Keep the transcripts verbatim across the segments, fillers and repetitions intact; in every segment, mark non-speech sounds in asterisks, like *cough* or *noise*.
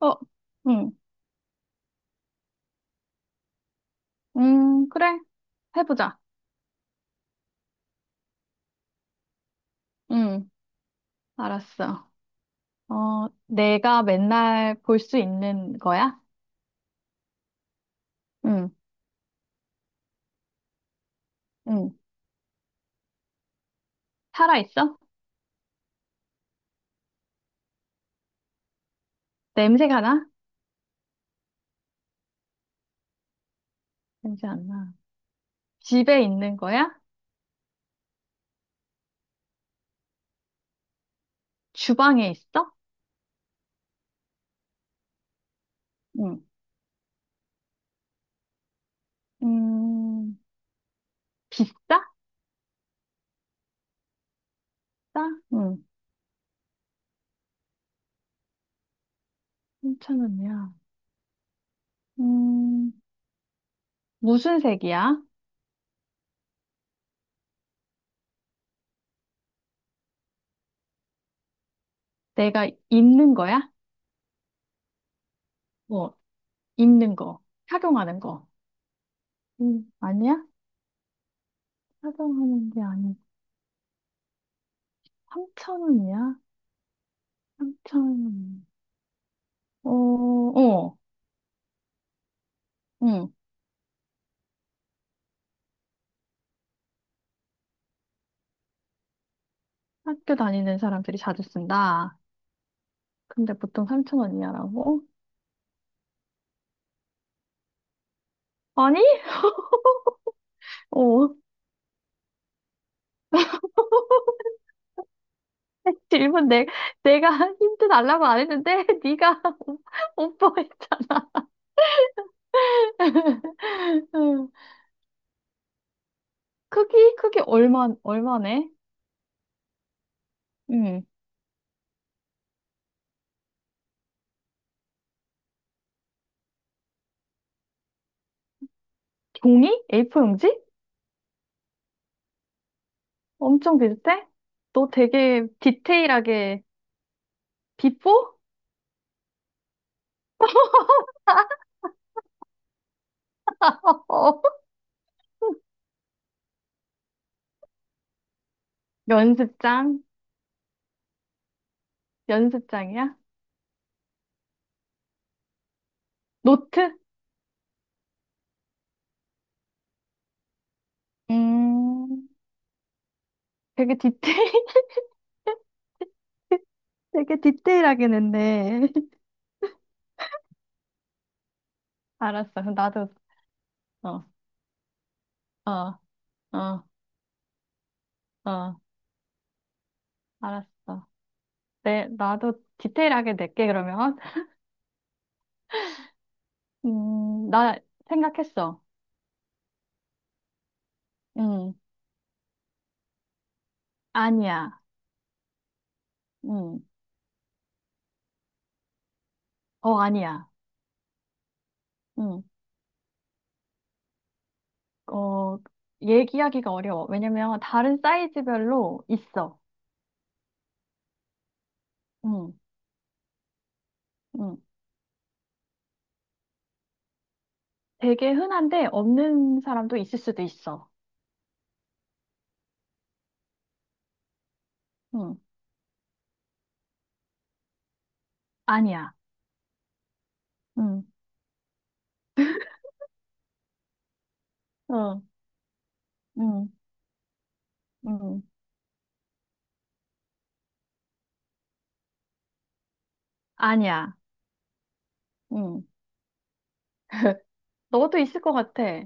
어, 응, 음, 그래. 해보자. 응, 알았어. 어, 내가 맨날 볼 수 있는 거야? 응, 응. 살아있어? 냄새가 나? 냄새 안 나. 집에 있는 거야? 주방에 있어? 응. 음, 비싸? 싸? 응. 삼천 원이야. 음, 무슨 색이야? 내가 입는 거야? 뭐, 입는 거. 착용하는 거. 음, 아니야? 착용하는 게 아니고. 삼천 원이야? 삼천, 어, 어, 응. 학교 다니는 사람들이 자주 쓴다. 근데 보통 삼천 원 이하라고? 아니? 어, *laughs* 질문 내, 내가 *laughs* 힌트 달라고 안 했는데, *laughs* 네가 *laughs* 오빠 했잖아 *laughs* 응. 크기? 크기 얼마, 얼마네? 응. 종이? 에이 포 용지? 엄청 비슷해? 너 되게 디테일하게, 비포? *laughs* 어, 연습장? 연습장이야? 노트? 음. 되게 디테일, *laughs* 되게 디테일하긴 했네. *laughs* 알았어. 그럼 나도, 어, 어, 어, 어, 알았어. 네, 나도 디테일하게 낼게, 그러면. 음, 나 생각했어. 음, 아니야. 음, 어, 아니야. 음, 어, 얘기하기가 어려워. 왜냐면 다른 사이즈별로 있어. 음, 음, 되게 흔한데 없는 사람도 있을 수도 있어. 음, 아니야. 음, 어, 음, 음, 아니야. 응. 너도 있을 것 같아.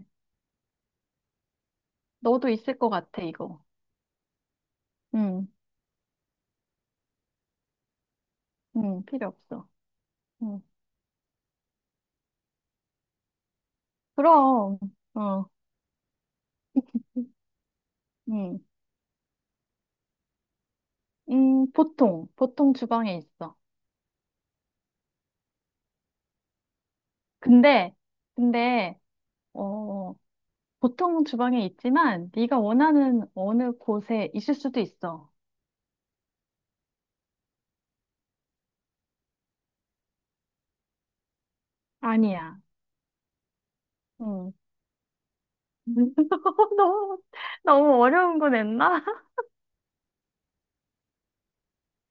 너도 있을 것 같아, 이거. 응, 응, 필요 없어. 응. 그럼, 어, 응, 음, 보통, 보통 주방에 있어. 근데, 근데, 어, 보통 주방에 있지만, 네가 원하는 어느 곳에 있을 수도 있어. 아니야. 응. *laughs* 너무, 너무 어려운 거 냈나? *laughs*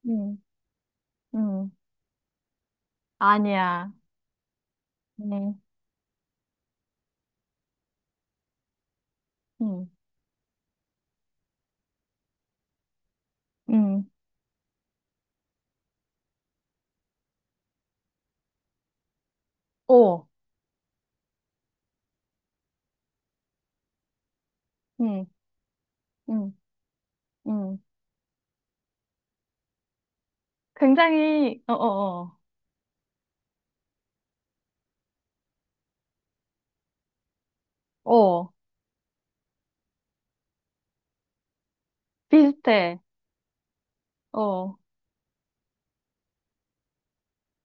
응, 응. 아니야. 응, 응, 응. 오, 응, 응, 응. 굉장히, 어, 어, 어, 어, 비슷해. 어,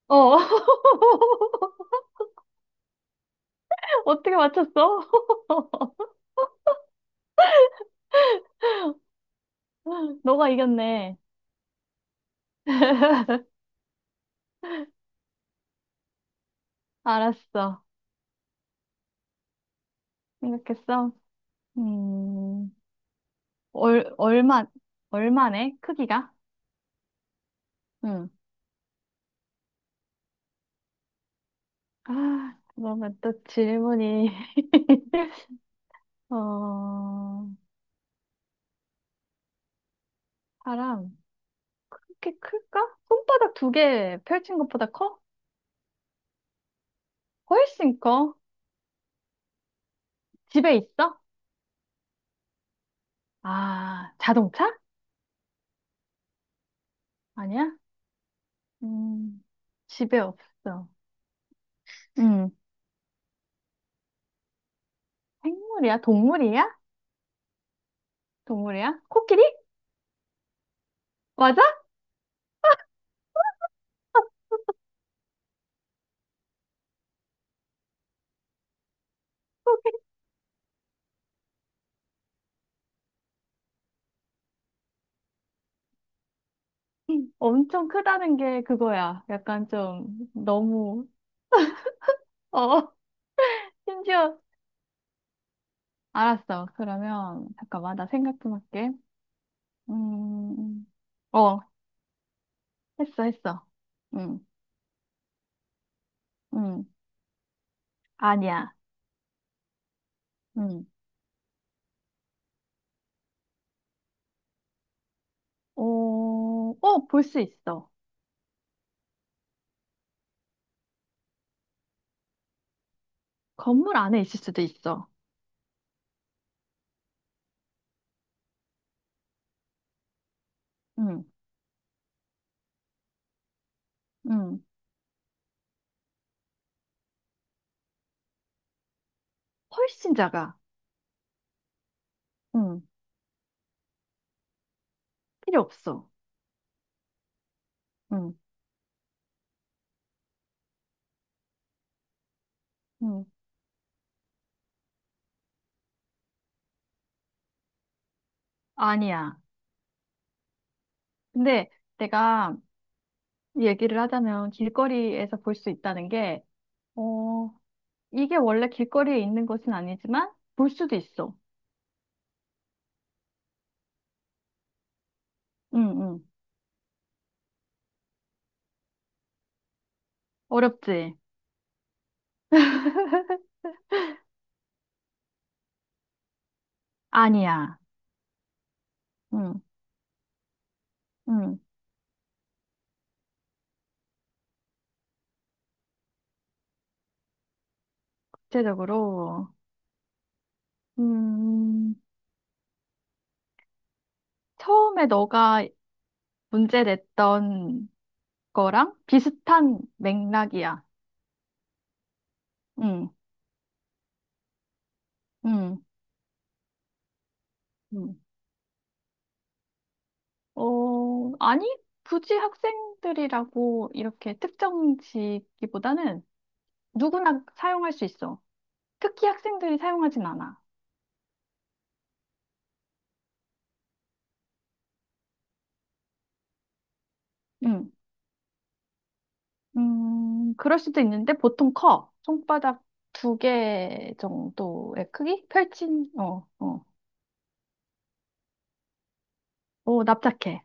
어. *laughs* 어떻게 맞췄어? *laughs* 너가 이겼네. *laughs* 알았어. 생각했어? 음, 얼, 얼마, 얼마네? 크기가? 응. 아, 뭔가 또 질문이. *laughs* 어, 사람, 그렇게 클까? 손바닥 두 개 펼친 것보다 커? 훨씬 커? 집에 있어? 아, 자동차? 아니야? 음, 집에 없어. 응. 생물이야? 동물이야? 동물이야? 코끼리? 맞아? 코끼리 엄청 크다는 게 그거야. 약간 좀 너무 어 *laughs* 심지어 알았어. 그러면 잠깐만 나 생각 좀 할게. 음, 어 했어 했어. 음, 음 아니야. 음, 어, 어볼 수 있어. 건물 안에 있을 수도 있어. 음, 음 훨씬 작아. 응, 필요 없어. 응, 응, 아니야. 근데 내가 얘기를 하자면 길거리에서 볼 수 있다는 게, 어, 이게 원래 길거리에 있는 것은 아니지만 볼 수도 있어. 응, 응. 어렵지? *laughs* 아니야. 응, 응. 구체적으로, 음, 처음에 너가 문제 냈던 거랑 비슷한 맥락이야. 응, 응, 응. 어, 아니, 굳이 학생들이라고 이렇게 특정지기보다는 누구나 사용할 수 있어. 특히 학생들이 사용하진 않아. 음, 음, 그럴 수도 있는데 보통 커. 손바닥 두 개 정도의 크기? 펼친, 어, 어. 오, 납작해.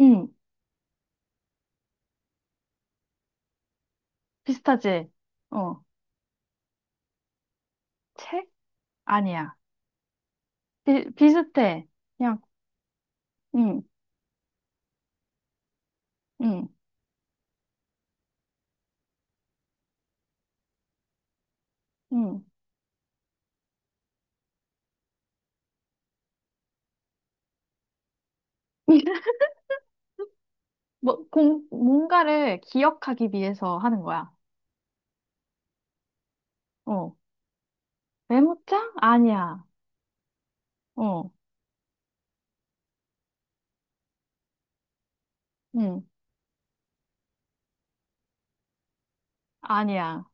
음, 비슷하지? 어, 책? 아니야. 비, 비슷해. 그냥, 음, 음, 음. *laughs* 뭐, 공, 뭔가를 기억하기 위해서 하는 거야. 어. 메모장? 아니야. 어, 응, 아니야.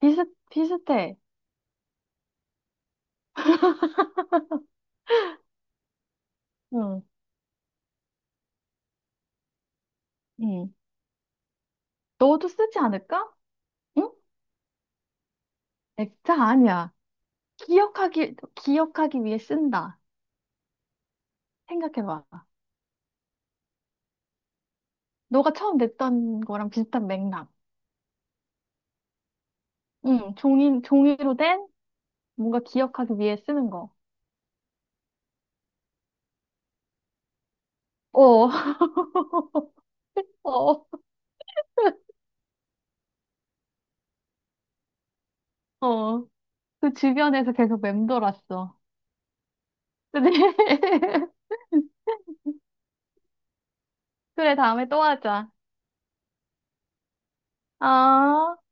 비슷, 비슷해. 응, 응. 너도 쓰지 않을까? 응? 액자 아니야. 기억하기, 기억하기 위해 쓴다. 생각해봐. 너가 처음 냈던 거랑 비슷한 맥락. 응, 종이, 종이로 된 뭔가 기억하기 위해 쓰는 거. 어, *laughs* 어, 어. 그 주변에서 계속 맴돌았어. 그래, *laughs* 그래, 다음에 또 하자. 아.